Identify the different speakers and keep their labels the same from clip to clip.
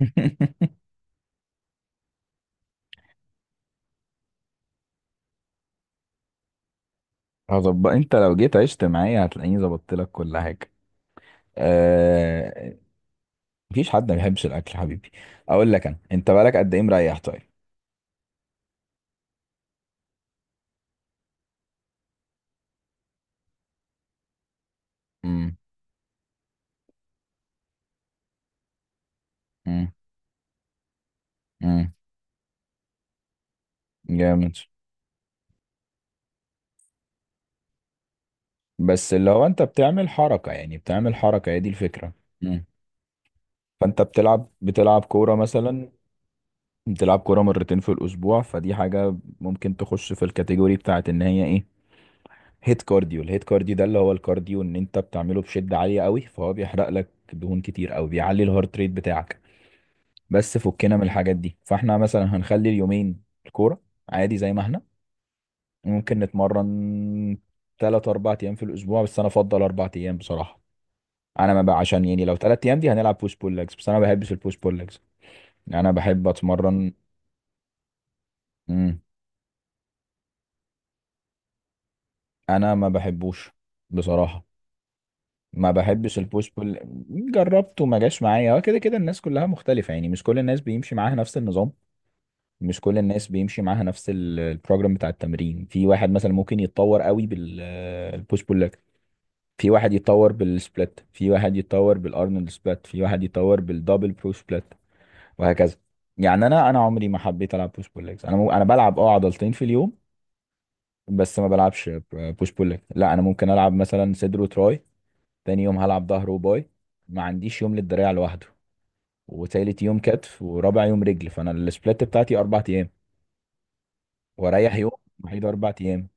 Speaker 1: هظبط. انت لو جيت عشت معايا هتلاقيني ظبطت لك كل حاجه. آه... مفيش حد ما بيحبش الاكل يا حبيبي. اقول لك انا، انت بقالك قد ايه مريح؟ طيب. امم. امم. امم. جامد. بس اللي هو انت بتعمل حركه، يعني بتعمل حركه، هي دي الفكره. امم. فانت بتلعب كوره مثلا، بتلعب كوره مرتين في الاسبوع، فدي حاجه ممكن تخش في الكاتيجوري بتاعت ان هي هيت كارديو الهيت كارديو ده اللي هو الكارديو ان انت بتعمله بشدة عالية قوي، فهو بيحرق لك دهون كتير او بيعلي الهارت ريت بتاعك. بس فكنا من الحاجات دي. فاحنا مثلا هنخلي اليومين الكورة عادي زي ما احنا، ممكن نتمرن تلات اربع ايام في الاسبوع. بس انا افضل اربع ايام بصراحة. انا ما بقى عشان، يعني لو تلات ايام دي هنلعب بوش بول ليجز، بس انا ما بحبش البوش بول ليجز. يعني انا بحب اتمرن. مم. انا ما بحبوش بصراحة، ما بحبش البوش بول. جربته ما جاش معايا. هو كده كده الناس كلها مختلفة، يعني مش كل الناس بيمشي معاها نفس النظام. مش كل الناس بيمشي معاها نفس البروجرام بتاع التمرين. في واحد مثلا ممكن يتطور قوي بالبوش بول لك. في واحد يتطور بالسبلت، في واحد يتطور بالارنولد سبلت، في واحد يتطور بالدبل برو سبلت، وهكذا. يعني انا عمري ما حبيت العب بوش بول ليجز. انا بلعب عضلتين في اليوم، بس ما بلعبش بوش بول ليج. لا، انا ممكن العب مثلا صدر وتراي. تاني يوم هلعب ظهر وباي. ما عنديش يوم للدراع لوحده. وتالت يوم كتف، ورابع يوم رجل. فانا السبلات بتاعتي اربع ايام واريح يوم وحيد، اربع ايام.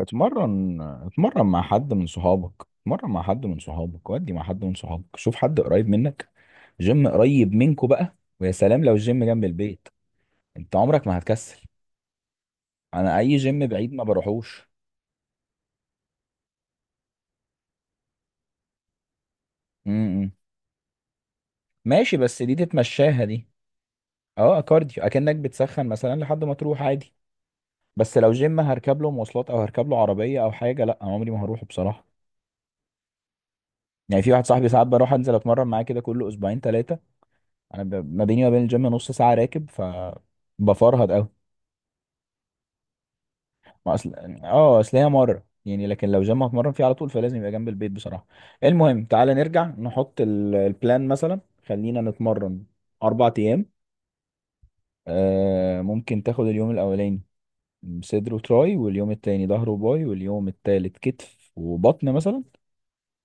Speaker 1: اتمرن، اتمرن مع حد من صحابك. اتمرن مع حد من صحابك، ودي مع حد من صحابك. شوف حد قريب منك، جيم قريب منكو بقى. ويا سلام لو الجيم جنب البيت، انت عمرك ما هتكسل. انا اي جيم بعيد ما بروحوش. امم. ماشي، بس دي تتمشاها دي. اه كارديو، اكنك بتسخن مثلا لحد ما تروح عادي. بس لو جيم هركب له مواصلات او هركب له عربيه او حاجه، لا عمري ما هروحه بصراحه. يعني في واحد صاحبي، ساعات بروح انزل اتمرن معاه كده كل اسبوعين ثلاثه. ما بيني وما بين الجيم نص ساعه راكب، ف بفرهد قوي. ما اصل، هي مره يعني. لكن لو جيم هتمرن فيه على طول، فلازم يبقى جنب البيت بصراحه. المهم تعالى نرجع نحط البلان مثلا. خلينا نتمرن اربع ايام. ممكن تاخد اليوم الاولاني صدر وتراي، واليوم التاني ظهر وباي، واليوم التالت كتف وبطن مثلا،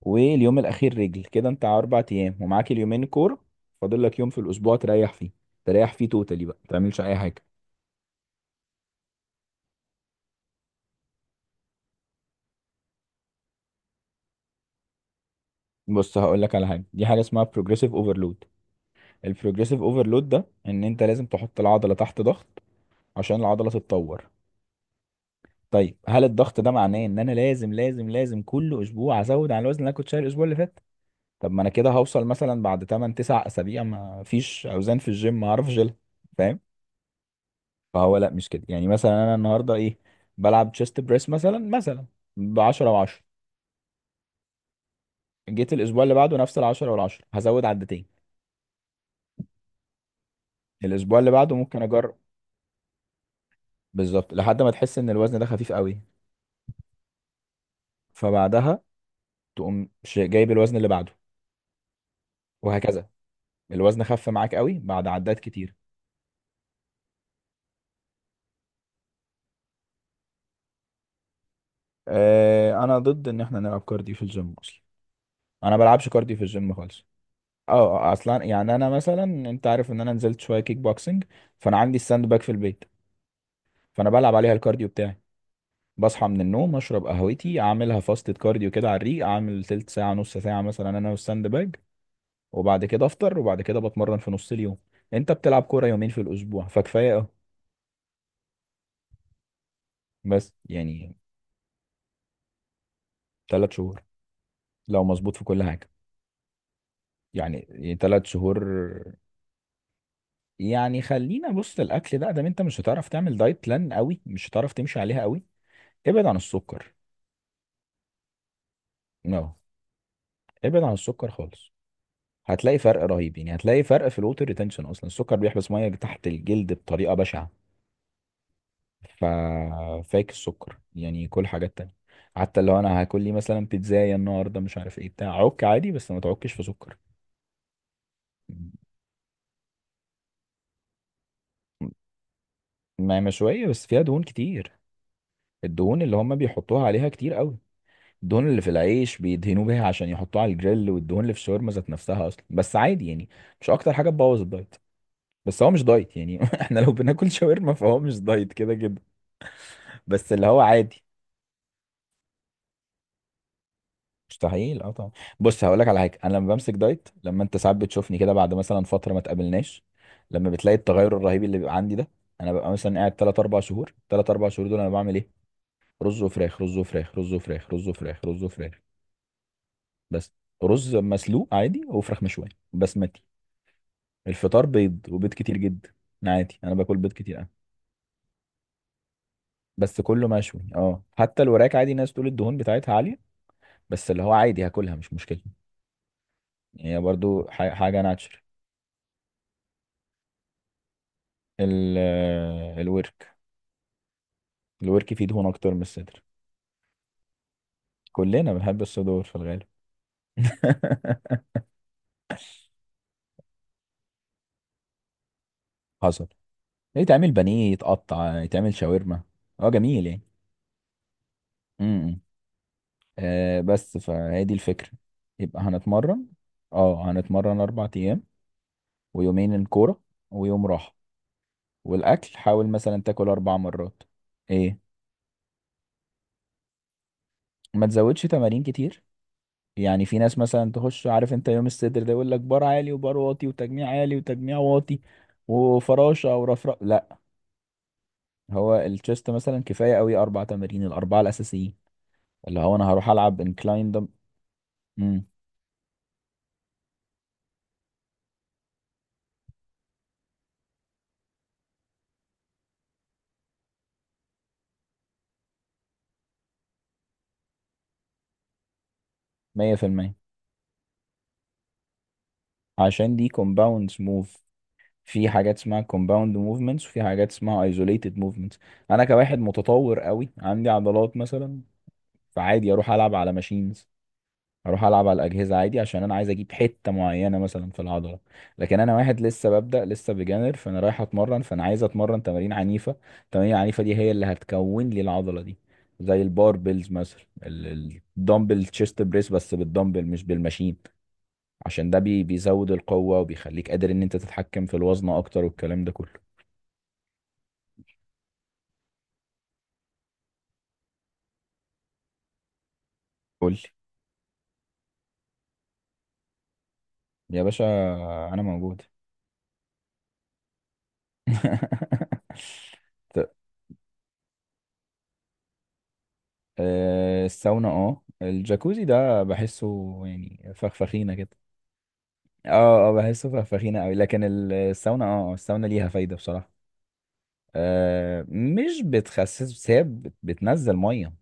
Speaker 1: واليوم الاخير رجل. كده انت على اربع ايام، ومعاك اليومين كور. فاضل لك يوم في الاسبوع تريح فيه، تريح فيه توتالي بقى، ما تعملش اي حاجه. بص هقول لك على حاجه. دي حاجه اسمها بروجريسيف اوفرلود. البروجريسيف اوفرلود ده، ان انت لازم تحط العضله تحت ضغط عشان العضله تتطور. طيب هل الضغط ده معناه ان انا لازم لازم لازم كل اسبوع ازود على الوزن اللي انا كنت شايل الاسبوع اللي فات؟ طب ما انا كده هوصل مثلا بعد 8 9 اسابيع ما فيش اوزان في الجيم ما اعرفش اشيلها. فاهم؟ فهو لا، مش كده. يعني مثلا انا النهارده ايه، بلعب تشيست بريس مثلا ب 10 و10. جيت الاسبوع اللي بعده نفس ال 10 وال 10 هزود عدتين. الاسبوع اللي بعده ممكن اجرب. بالظبط، لحد ما تحس ان الوزن ده خفيف قوي، فبعدها تقوم جايب الوزن اللي بعده، وهكذا. الوزن خف معاك قوي بعد عدات كتير. انا ضد ان احنا نلعب كارديو في الجيم اصلا. انا بلعبش كارديو في الجيم خالص. اه. اصلا يعني انا مثلا، انت عارف ان انا نزلت شويه كيك بوكسنج، فانا عندي الساند باك في البيت، فانا بلعب عليها الكارديو بتاعي. بصحى من النوم، اشرب قهوتي، اعملها فاستة كارديو كده على الريق. اعمل تلت ساعة نص ساعة مثلا، انا والساند باج. وبعد كده افطر، وبعد كده بتمرن في نص اليوم. انت بتلعب كورة يومين في الاسبوع، فكفاية اهو. بس يعني ثلاث شهور، لو مظبوط في كل حاجة. يعني ثلاث شهور. يعني خلينا. بص، الاكل ده انت مش هتعرف تعمل دايت بلان قوي، مش هتعرف تمشي عليها قوي. ابعد عن السكر. No. ابعد عن السكر خالص. هتلاقي فرق رهيب، يعني هتلاقي فرق في الوتر ريتنشن. اصلا السكر بيحبس ميه تحت الجلد بطريقه بشعه. ففاك السكر. يعني كل حاجات تانية، حتى لو انا هاكل لي مثلا بيتزاية النهارده مش عارف ايه بتاع، عك عادي بس ما تعكش في سكر. ما مشوية، بس فيها دهون كتير. الدهون اللي هم بيحطوها عليها كتير قوي. الدهون اللي في العيش بيدهنوا بيها عشان يحطوها على الجريل، والدهون اللي في الشاورما ذات نفسها اصلا. بس عادي يعني، مش اكتر حاجة تبوظ الدايت. بس هو مش دايت يعني. احنا لو بناكل شاورما فهو مش دايت كده كده. بس اللي هو عادي. مستحيل، اه طبعا. بص هقول لك على حاجه. انا لما بمسك دايت، لما انت ساعات بتشوفني كده بعد مثلا فتره ما تقابلناش، لما بتلاقي التغير الرهيب اللي بيبقى عندي ده، انا ببقى مثلا قاعد 3 4 شهور. 3 4 شهور دول انا بعمل ايه؟ رز وفراخ، رز وفراخ، رز وفراخ، رز وفراخ، رز وفراخ. بس. رز مسلوق عادي وفراخ مشويه بسمتي. الفطار بيض، وبيض كتير جدا. أنا عادي، انا باكل بيض كتير قوي. بس كله مشوي. اه، حتى الوراك عادي. ناس تقول الدهون بتاعتها عاليه، بس اللي هو عادي هاكلها مش مشكله. هي برضو حاجه ناتشر. ال آه، الورك. الورك فيه دهون اكتر من الصدر. كلنا بنحب الصدور في الغالب. حصل. يتعمل بانيه، يتقطع، يتعمل شاورما. اه جميل يعني. امم. إمم. بس فهي دي الفكرة. يبقى هنتمرن. اه، هنتمرن اربع ايام، ويومين كورة، ويوم راحة. والاكل حاول مثلا تاكل اربع مرات. ايه؟ ما تزودش تمارين كتير. يعني في ناس مثلا تخش، عارف انت يوم الصدر ده يقول لك بار عالي، وبار واطي، وتجميع عالي، وتجميع واطي، وفراشه او رفرف. لا. هو التشيست مثلا كفايه قوي اربع تمارين، الاربعه الاساسيين. اللي هو انا هروح العب انكلاين ده. امم. 100%. عشان دي كومباوند موف. في حاجات اسمها كومباوند موفمنتس، وفي حاجات اسمها ايزوليتد موفمنتس. انا كواحد متطور قوي، عندي عضلات مثلا، فعادي اروح العب على ماشينز، اروح العب على الاجهزه عادي، عشان انا عايز اجيب حته معينه مثلا في العضله. لكن انا واحد لسه ببدا، لسه بجانر، فانا رايح اتمرن، فانا عايز اتمرن تمارين عنيفه. التمارين العنيفه دي هي اللي هتكون لي العضله دي. زي الباربلز مثلا، الدمبل تشيست بريس بس بالدمبل مش بالماشين. عشان ده بيزود القوه وبيخليك قادر ان انت تتحكم في الوزن اكتر، والكلام ده كله. قول لي. يا باشا انا موجود. الساونا. اه الجاكوزي ده بحسه يعني فخفخينة كده. اه. اه بحسه فخفخينة قوي، لكن الساونا، الساونا ليها فايدة بصراحة. مش بتخسس، بس هي بتنزل مية.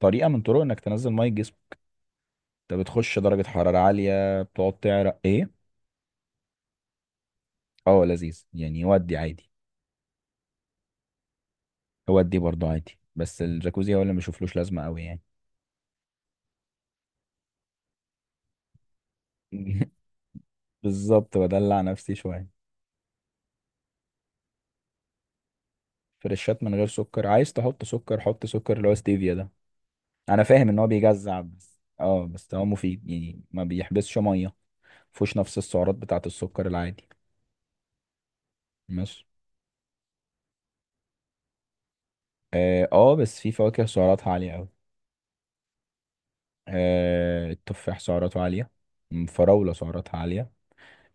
Speaker 1: طريقة من طرق انك تنزل مية الجسم. انت بتخش درجة حرارة عالية، بتقعد تعرق ايه. اه لذيذ يعني، يودي عادي. يودي برضه عادي، بس الجاكوزي هو اللي ما بشوفلوش لازمة قوي يعني. بالظبط، بدلع نفسي شوية. فريشات من غير سكر. عايز تحط سكر، حط سكر اللي هو ستيفيا ده. انا فاهم ان هو بيجزع، بس هو مفيد يعني، ما بيحبسش ميه. مفهوش نفس السعرات بتاعه السكر العادي. ماشي. بس في فواكه سعراتها عاليه قوي. التفاح سعراته عاليه. الفراوله سعراتها عاليه.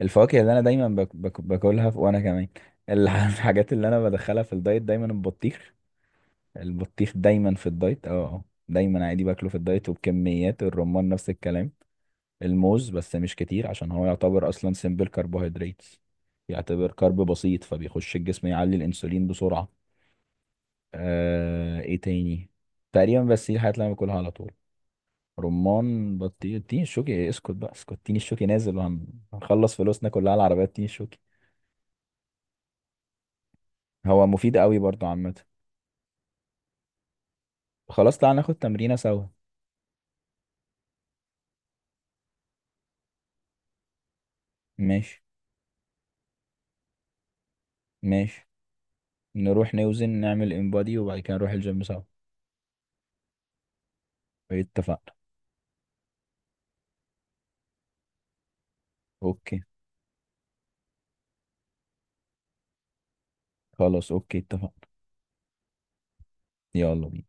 Speaker 1: الفواكه اللي انا دايما باكلها، وانا كمان الحاجات اللي انا بدخلها في الدايت دايما البطيخ. البطيخ دايما في الدايت. دايما عادي باكله في الدايت وبكميات. الرمان نفس الكلام. الموز بس مش كتير، عشان هو يعتبر اصلا سيمبل كربوهيدرات، يعتبر كرب بسيط، فبيخش الجسم يعلي الانسولين بسرعة. ايه تاني. تقريبا بس دي الحاجات اللي انا باكلها على طول. رمان، بطيخ، تين الشوكي. اسكت بقى، اسكت. تين الشوكي نازل. وهنخلص فلوسنا كلها على العربيات تين الشوكي. هو مفيد قوي برضو عامة. خلاص، تعالى ناخد تمرينة سوا. ماشي. ماشي. نروح نوزن، نعمل انبادي، وبعد كده نروح الجيم سوا. اتفقنا. اوكي. خلاص، اوكي، اتفقنا. يلا بينا.